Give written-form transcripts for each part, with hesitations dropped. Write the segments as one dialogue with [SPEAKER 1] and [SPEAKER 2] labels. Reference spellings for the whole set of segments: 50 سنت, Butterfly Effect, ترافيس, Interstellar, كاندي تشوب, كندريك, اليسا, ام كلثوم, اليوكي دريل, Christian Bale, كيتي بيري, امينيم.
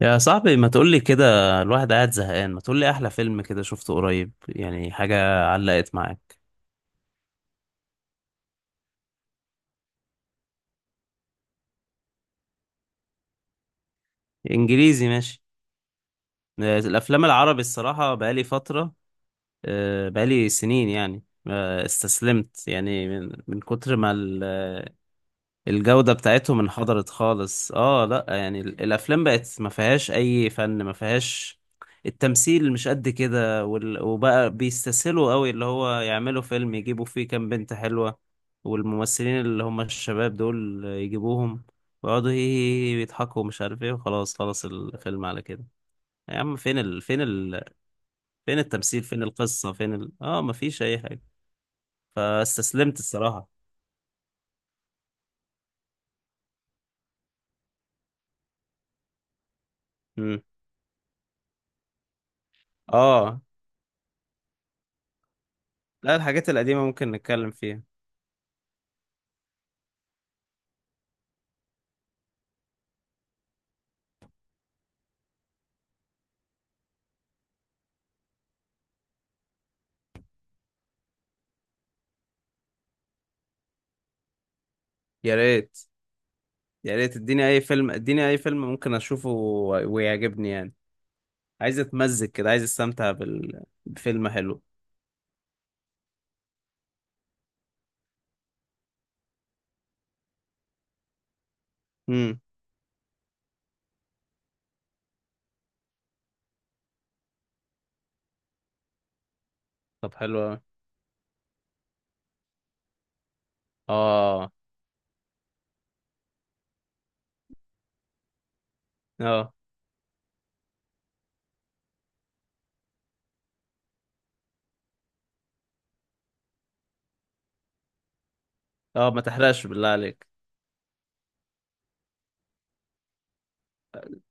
[SPEAKER 1] يا صاحبي، ما تقولي كده. الواحد قاعد زهقان، ما تقولي أحلى فيلم كده شفته قريب، يعني حاجة علقت معاك. إنجليزي ماشي. الأفلام العربي الصراحة بقالي فترة. بقالي سنين يعني. استسلمت يعني من كتر ما الجودة بتاعتهم انحدرت خالص. اه لا يعني الافلام بقت ما فيهاش اي فن، ما فيهاش التمثيل مش قد كده، وبقى بيستسهلوا قوي، اللي هو يعملوا فيلم يجيبوا فيه كام بنت حلوة والممثلين اللي هم الشباب دول يجيبوهم، ويقعدوا هي هي هي يضحكوا مش عارف ايه، وخلاص خلاص الفيلم على كده. يا عم، فين التمثيل؟ فين القصة؟ فين ال... اه مفيش اي حاجة. فاستسلمت الصراحة. مم. اه. لا، الحاجات القديمة ممكن نتكلم فيها. يا ريت. يا ريت اديني اي فيلم، اديني اي فيلم ممكن اشوفه ويعجبني يعني. عايز اتمزج كده، عايز استمتع بفيلم حلو. امم. طب حلو أوي. اه اه اه، ما تحرقش بالله عليك.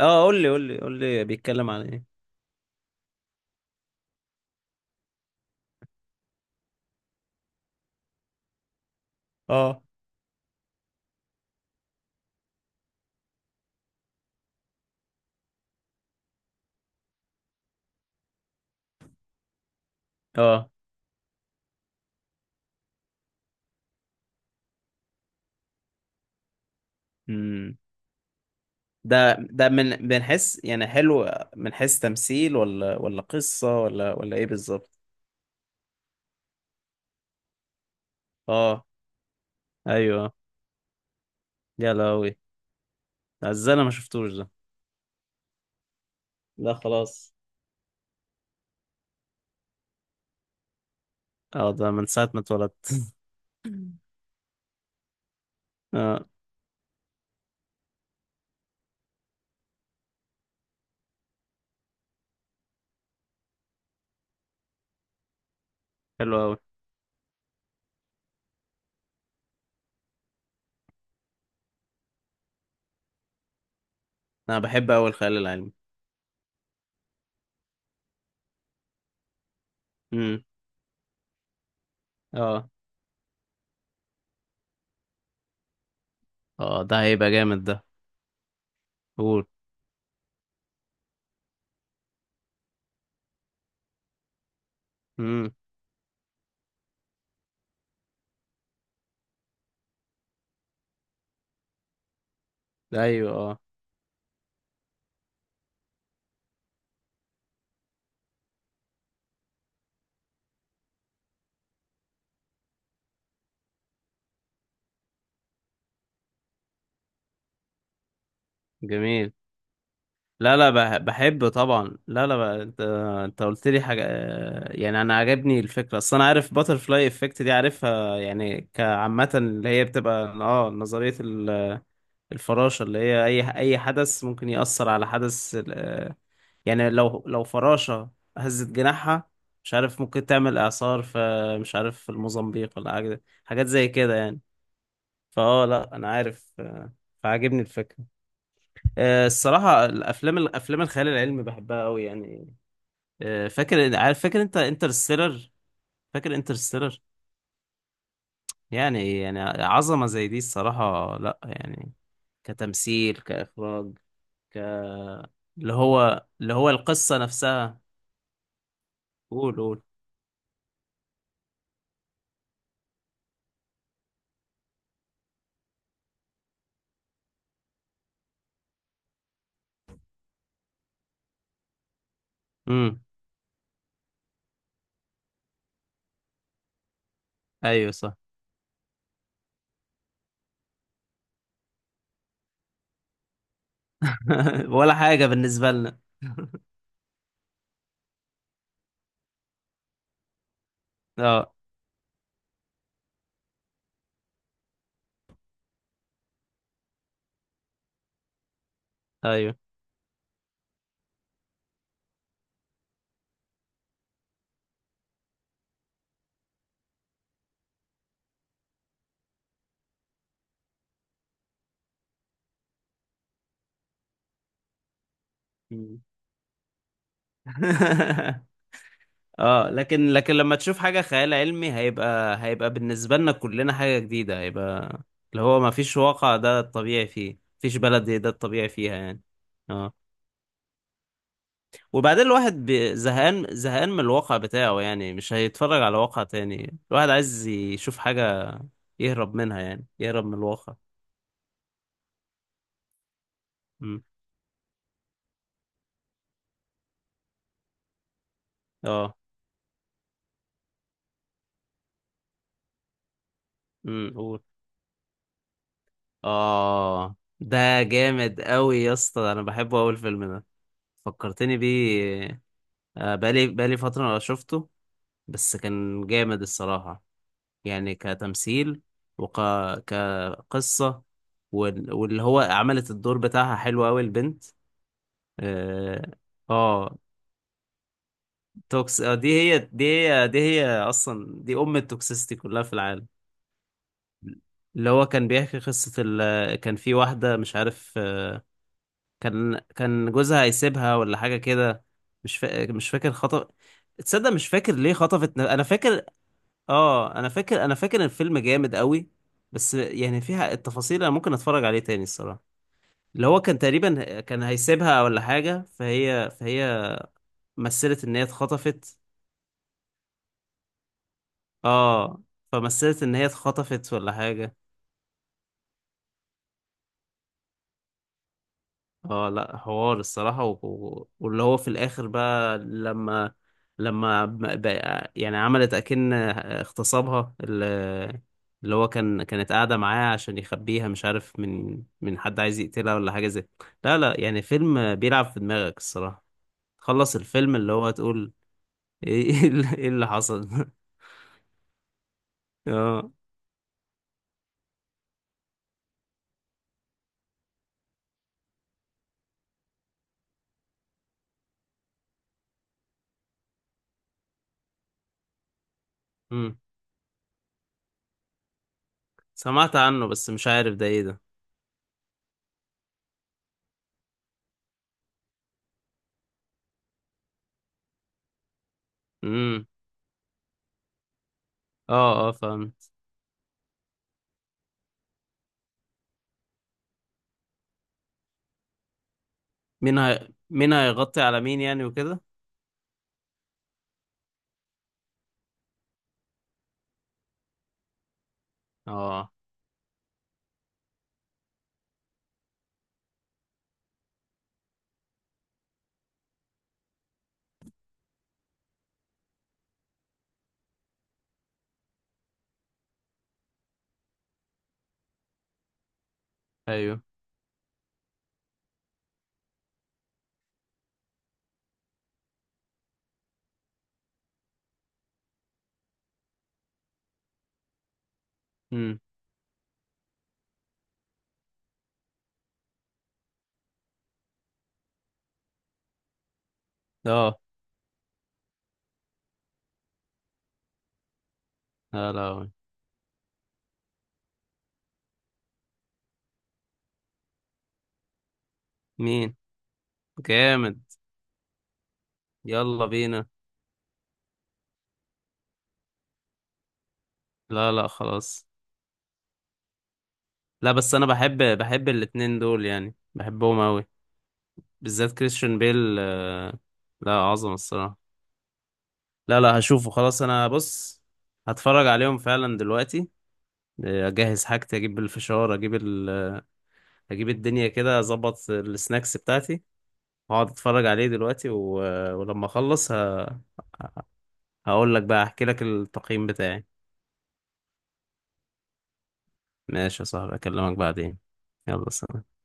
[SPEAKER 1] اه، قول لي قول لي قول لي بيتكلم عن ايه. اه. اه. امم. ده من حيث يعني حلو؟ من حيث تمثيل ولا قصة ولا ايه بالظبط؟ اه. ايوه. يا لهوي، ده ازاي انا ما شفتوش ده؟ لا خلاص. اه ده من ساعة ما اتولدت. اه، حلو قوي. انا بحب قوي الخيال العلمي. امم. اه اه، ده هيبقى جامد ده. قول. امم. ايوه اه. جميل. لا لا، بحب طبعا. لا لا بقى انت. انت قلت لي حاجه، يعني انا عجبني الفكره، اصل انا عارف باترفلاي افكت دي، عارفها يعني كعامه، اللي هي بتبقى نظريه الفراشة، اللي هي أي حدث ممكن يأثر على حدث. يعني لو فراشة هزت جناحها، مش عارف ممكن تعمل إعصار في، مش عارف في الموزمبيق ولا حاجة، حاجات زي كده يعني. لأ أنا عارف. فعاجبني الفكرة. الصراحة الأفلام الخيال العلمي بحبها أوي يعني. فاكر، عارف، فاكر أنت انترستيلر؟ فاكر انترستيلر؟ يعني عظمة زي دي الصراحة لأ يعني، كتمثيل، كإخراج، اللي هو القصة نفسها. قول قول. امم. ايوه صح. ولا حاجة بالنسبة لنا. اه ايوه. مم. اه، لكن لما تشوف حاجة خيال علمي هيبقى، بالنسبة لنا كلنا حاجة جديدة، هيبقى اللي هو ما فيش واقع ده الطبيعي فيه، مفيش بلد ده الطبيعي فيها يعني. اه. وبعدين الواحد زهقان زهقان من الواقع بتاعه يعني، مش هيتفرج على واقع تاني، الواحد عايز يشوف حاجة يهرب منها، يعني يهرب من الواقع. مم. اه. امم. قول. اه ده جامد قوي يا اسطى، انا بحبه اول فيلم ده، فكرتني بيه. بقالي فترة ما شفته، بس كان جامد الصراحة، يعني كتمثيل، وك كقصة، واللي هو عملت الدور بتاعها حلو قوي البنت. اه. آه، توكس دي هي دي هي دي هي اصلا دي ام التوكسيستي كلها في العالم. اللي هو كان بيحكي قصة كان في واحدة مش عارف، كان جوزها هيسيبها ولا حاجة كده، مش فاكر خطف. تصدق مش فاكر ليه خطفت، انا فاكر. اه انا فاكر، الفيلم جامد قوي، بس يعني فيها التفاصيل، انا ممكن اتفرج عليه تاني الصراحة. اللي هو كان تقريبا كان هيسيبها ولا حاجة، فهي مثلت ان هي اتخطفت. اه. فمثلت ان هي اتخطفت ولا حاجة. اه، لا حوار الصراحة. واللي هو في الآخر بقى لما بقى يعني عملت أكن اغتصابها، اللي هو كانت قاعدة معاه عشان يخبيها مش عارف من حد عايز يقتلها ولا حاجة زي. لا لا، يعني فيلم بيلعب في دماغك الصراحة، تخلص الفيلم اللي هو تقول ايه إيه اللي إيه اللي حصل. اه. امم. سمعت عنه بس مش عارف ده ايه ده. امم. اه اه فهمت. مين هيغطي على مين يعني وكده. اه. ايوه. امم. اه. لا لا، مين؟ جامد. يلا بينا. لا لا خلاص. لا بس انا، بحب الاتنين دول يعني بحبهم اوي، بالذات كريستيان بيل. لا، عظمة الصراحة. لا لا هشوفه خلاص. انا بص هتفرج عليهم فعلا دلوقتي. اجهز حاجتي، اجيب الفشار، اجيب الدنيا كده، اظبط السناكس بتاعتي، هقعد اتفرج عليه دلوقتي ولما اخلص هقول لك بقى، احكي لك التقييم بتاعي. ماشي يا صاحبي، اكلمك بعدين. يلا سلام.